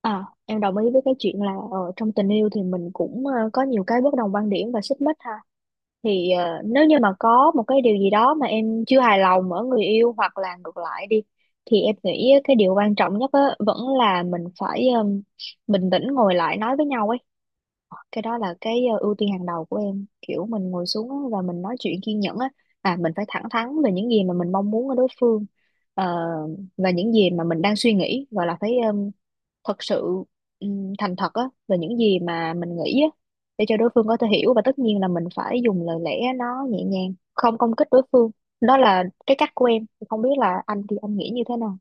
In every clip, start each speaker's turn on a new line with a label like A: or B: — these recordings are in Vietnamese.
A: À, em đồng ý với cái chuyện là trong tình yêu thì mình cũng có nhiều cái bất đồng quan điểm và xích mích ha. Thì nếu như mà có một cái điều gì đó mà em chưa hài lòng ở người yêu hoặc là ngược lại đi thì em nghĩ cái điều quan trọng nhất á, vẫn là mình phải bình tĩnh ngồi lại nói với nhau ấy. Ờ, cái đó là cái ưu tiên hàng đầu của em. Kiểu mình ngồi xuống á và mình nói chuyện kiên nhẫn á. À, mình phải thẳng thắn về những gì mà mình mong muốn ở đối phương. Ờ, và những gì mà mình đang suy nghĩ gọi là phải thật sự thành thật á về những gì mà mình nghĩ á để cho đối phương có thể hiểu, và tất nhiên là mình phải dùng lời lẽ nó nhẹ nhàng không công kích đối phương. Đó là cái cách của em, không biết là anh thì anh nghĩ như thế nào.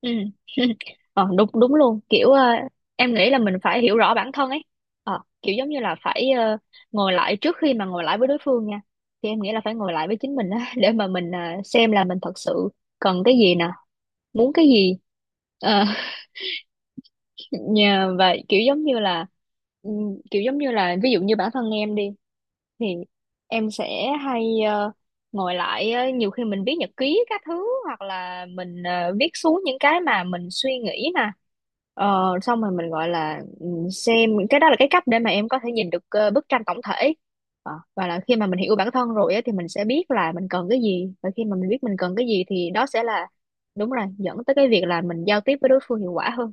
A: Ừ. ờ, Đúng, đúng luôn, kiểu em nghĩ là mình phải hiểu rõ bản thân ấy. Kiểu giống như là phải ngồi lại trước khi mà ngồi lại với đối phương nha, thì em nghĩ là phải ngồi lại với chính mình á để mà mình xem là mình thật sự cần cái gì nè, muốn cái gì. Ờ, nhà vậy kiểu giống như là kiểu giống như là ví dụ như bản thân em đi thì em sẽ hay ngồi lại. Ờ, Nhiều khi mình viết nhật ký các thứ hoặc là mình viết xuống những cái mà mình suy nghĩ nè. Ờ, xong rồi mình gọi là xem cái đó là cái cách để mà em có thể nhìn được bức tranh tổng thể. Ờ, và là khi mà mình hiểu bản thân rồi á, thì mình sẽ biết là mình cần cái gì, và khi mà mình biết mình cần cái gì thì đó sẽ là đúng rồi, dẫn tới cái việc là mình giao tiếp với đối phương hiệu quả hơn.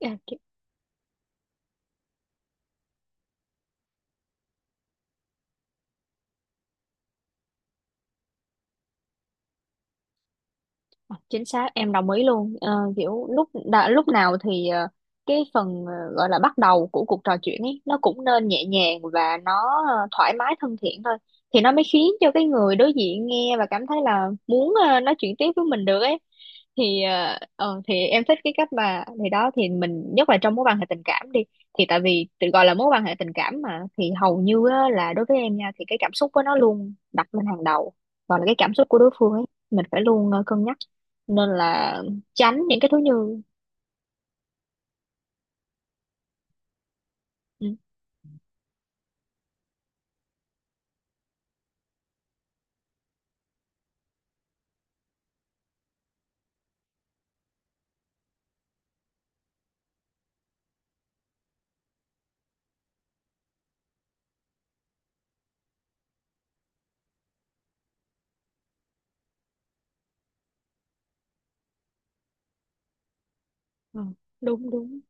A: Yeah. Chính xác, em đồng ý luôn. Ờ, kiểu lúc đã, lúc nào thì cái phần gọi là bắt đầu của cuộc trò chuyện ấy nó cũng nên nhẹ nhàng và nó thoải mái thân thiện thôi, thì nó mới khiến cho cái người đối diện nghe và cảm thấy là muốn nói chuyện tiếp với mình được ấy. Thì thì em thích cái cách mà thì đó thì mình nhất là trong mối quan hệ tình cảm đi, thì tại vì tự gọi là mối quan hệ tình cảm mà thì hầu như á, là đối với em nha thì cái cảm xúc của nó luôn đặt lên hàng đầu, và là cái cảm xúc của đối phương ấy mình phải luôn cân nhắc, nên là tránh những cái thứ như ừ, ừ, đúng đúng.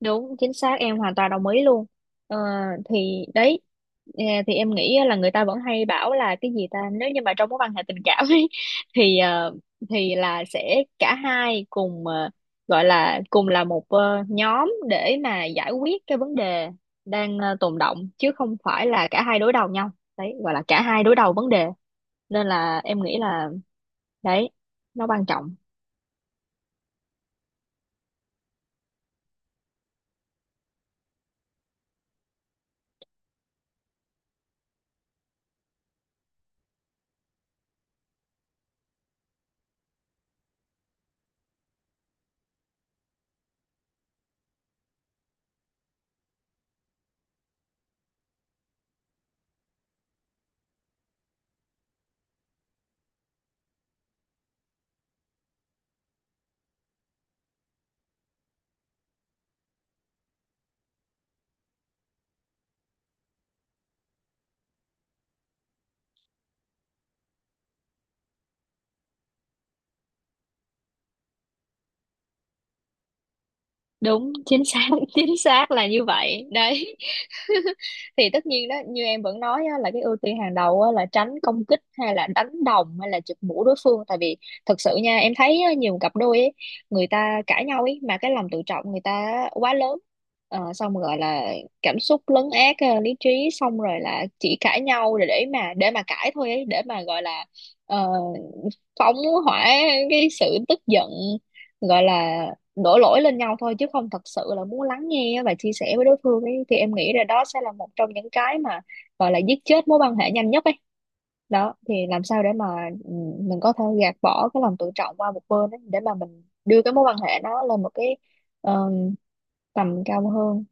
A: Đúng chính xác, em hoàn toàn đồng ý luôn. ờ, thì đấy, thì em nghĩ là người ta vẫn hay bảo là cái gì ta nếu như mà trong mối quan hệ tình cảm ấy, thì thì là sẽ cả hai cùng gọi là cùng là một nhóm để mà giải quyết cái vấn đề đang tồn động, chứ không phải là cả hai đối đầu nhau. Đấy, gọi là cả hai đối đầu vấn đề. Nên là em nghĩ là đấy, nó quan trọng. Đúng, chính xác, chính xác là như vậy đấy. Thì tất nhiên đó như em vẫn nói á, là cái ưu tiên hàng đầu á, là tránh công kích hay là đánh đồng hay là chụp mũ đối phương, tại vì thật sự nha em thấy á, nhiều cặp đôi ấy, người ta cãi nhau ấy mà cái lòng tự trọng người ta quá lớn. Ờ, xong rồi gọi là cảm xúc lấn át lý trí, xong rồi là chỉ cãi nhau để mà cãi thôi ấy, để mà gọi là ờ, phóng hỏa cái sự tức giận, gọi là đổ lỗi lên nhau thôi, chứ không thật sự là muốn lắng nghe và chia sẻ với đối phương ấy. Thì em nghĩ là đó sẽ là một trong những cái mà gọi là giết chết mối quan hệ nhanh nhất ấy. Đó thì làm sao để mà ừ, mình có thể gạt bỏ cái lòng tự trọng qua một bên ấy, để mà mình đưa cái mối quan hệ nó lên một cái ờ, tầm cao hơn.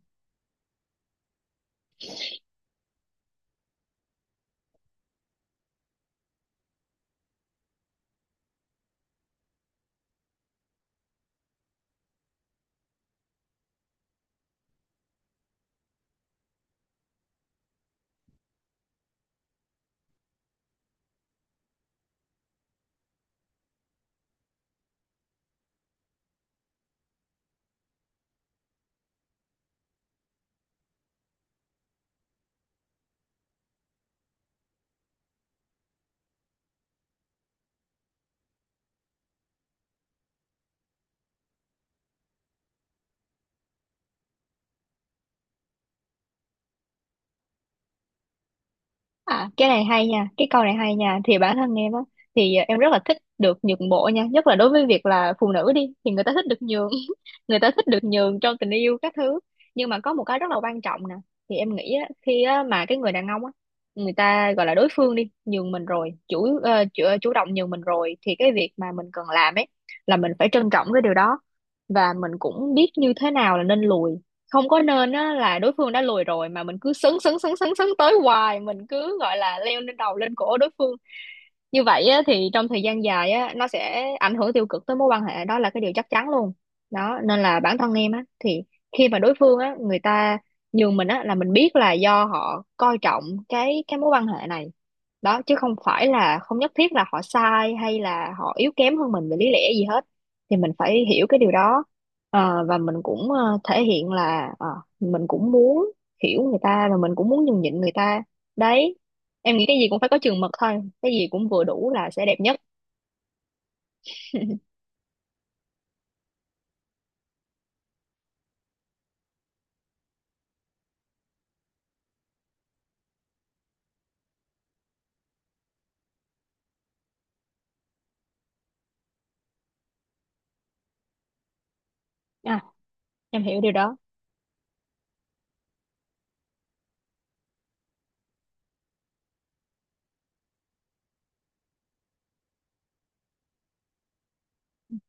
A: À, cái này hay nha, cái câu này hay nha. Thì bản thân em á, thì em rất là thích được nhượng bộ nha, nhất là đối với việc là phụ nữ đi, thì người ta thích được nhường, người ta thích được nhường trong tình yêu các thứ. Nhưng mà có một cái rất là quan trọng nè, thì em nghĩ á, khi á, mà cái người đàn ông á, người ta gọi là đối phương đi, nhường mình rồi, chủ động nhường mình rồi, thì cái việc mà mình cần làm ấy là mình phải trân trọng cái điều đó, và mình cũng biết như thế nào là nên lùi. Không có nên á là đối phương đã lùi rồi mà mình cứ sấn sấn sấn sấn sấn tới hoài, mình cứ gọi là leo lên đầu lên cổ đối phương. Như vậy á, thì trong thời gian dài á, nó sẽ ảnh hưởng tiêu cực tới mối quan hệ, đó là cái điều chắc chắn luôn. Đó nên là bản thân em á, thì khi mà đối phương á người ta nhường mình á là mình biết là do họ coi trọng cái mối quan hệ này. Đó chứ không phải là không nhất thiết là họ sai hay là họ yếu kém hơn mình về lý lẽ gì hết, thì mình phải hiểu cái điều đó. Ờ, và mình cũng thể hiện là mình cũng muốn hiểu người ta và mình cũng muốn nhường nhịn người ta. Đấy, em nghĩ cái gì cũng phải có chừng mực thôi, cái gì cũng vừa đủ là sẽ đẹp nhất. À, em hiểu điều đó.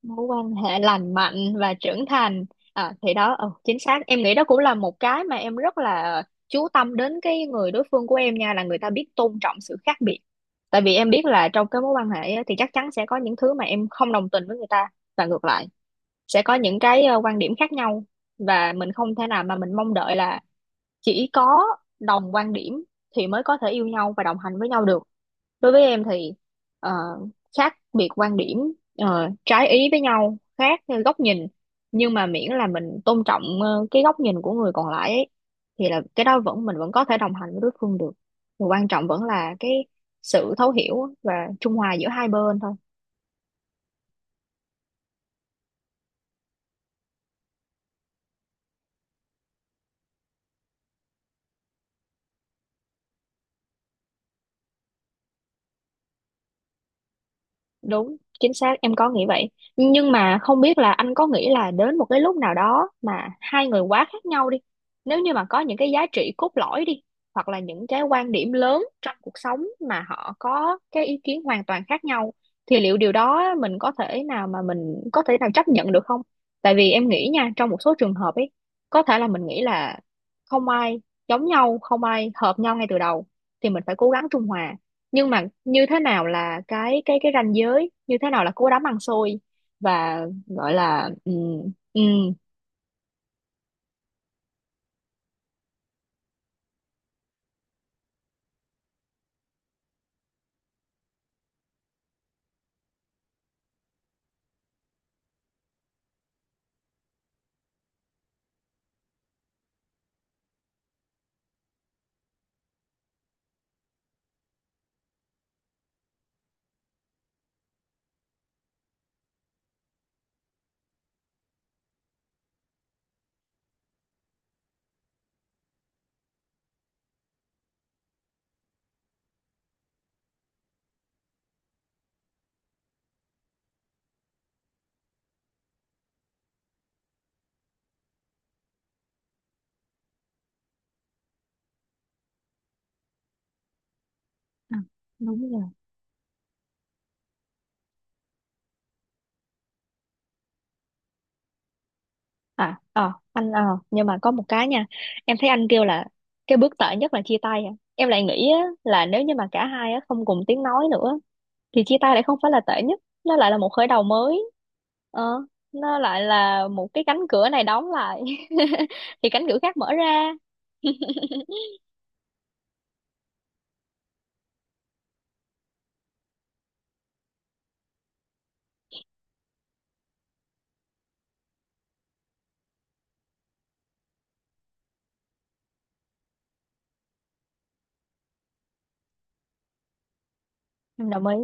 A: Mối quan hệ lành mạnh và trưởng thành. À, thì đó ừ, chính xác, em nghĩ đó cũng là một cái mà em rất là chú tâm đến cái người đối phương của em nha, là người ta biết tôn trọng sự khác biệt. Tại vì em biết là trong cái mối quan hệ á, thì chắc chắn sẽ có những thứ mà em không đồng tình với người ta, và ngược lại sẽ có những cái quan điểm khác nhau. Và mình không thể nào mà mình mong đợi là chỉ có đồng quan điểm thì mới có thể yêu nhau và đồng hành với nhau được. Đối với em thì ờ, khác biệt quan điểm, trái ý với nhau, khác theo góc nhìn, nhưng mà miễn là mình tôn trọng cái góc nhìn của người còn lại ấy, thì là cái đó vẫn mình vẫn có thể đồng hành với đối phương được. Điều quan trọng vẫn là cái sự thấu hiểu và trung hòa giữa hai bên thôi. Đúng, chính xác, em có nghĩ vậy. Nhưng mà không biết là anh có nghĩ là đến một cái lúc nào đó mà hai người quá khác nhau đi. Nếu như mà có những cái giá trị cốt lõi đi, hoặc là những cái quan điểm lớn trong cuộc sống mà họ có cái ý kiến hoàn toàn khác nhau, thì liệu điều đó mình có thể nào mà mình có thể nào chấp nhận được không? Tại vì em nghĩ nha, trong một số trường hợp ấy, có thể là mình nghĩ là không ai giống nhau, không ai hợp nhau ngay từ đầu, thì mình phải cố gắng trung hòa, nhưng mà như thế nào là cái ranh giới, như thế nào là cú đấm ăn xôi và gọi là ừ, ừ. À, đúng rồi. À ờ anh ờ Nhưng mà có một cái nha, em thấy anh kêu là cái bước tệ nhất là chia tay à. Em lại nghĩ á, là nếu như mà cả hai á, không cùng tiếng nói nữa thì chia tay lại không phải là tệ nhất, nó lại là một khởi đầu mới. Ờ, nó lại là một cái cánh cửa này đóng lại thì cánh cửa khác mở ra. Em đồng ý.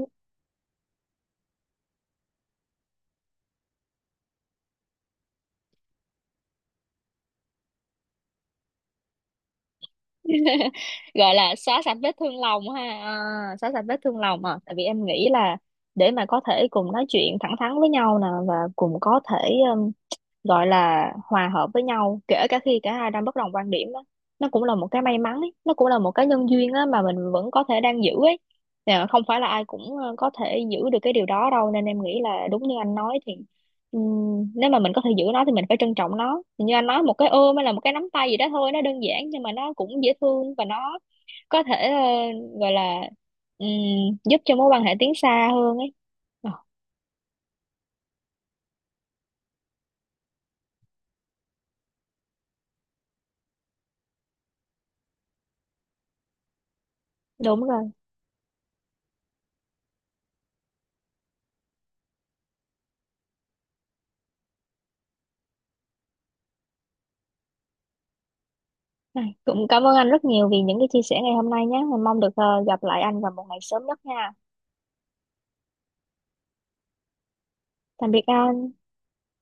A: Gọi là xóa sạch vết thương lòng ha. À, xóa sạch vết thương lòng. À, tại vì em nghĩ là để mà có thể cùng nói chuyện thẳng thắn với nhau nè, và cùng có thể um, gọi là hòa hợp với nhau kể cả khi cả hai đang bất đồng quan điểm á, nó cũng là một cái may mắn ấy. Nó cũng là một cái nhân duyên á mà mình vẫn có thể đang giữ ấy. Nè, không phải là ai cũng có thể giữ được cái điều đó đâu, nên em nghĩ là đúng như anh nói thì nếu mà mình có thể giữ nó thì mình phải trân trọng nó. Thì như anh nói, một cái ôm hay là một cái nắm tay gì đó thôi, nó đơn giản nhưng mà nó cũng dễ thương và nó có thể gọi là ừm, giúp cho mối quan hệ tiến xa hơn ấy. Ờ, đúng rồi. Này, cũng cảm ơn anh rất nhiều vì những cái chia sẻ ngày hôm nay nhé. Mình mong được gặp lại anh vào một ngày sớm nhất nha. Tạm biệt anh.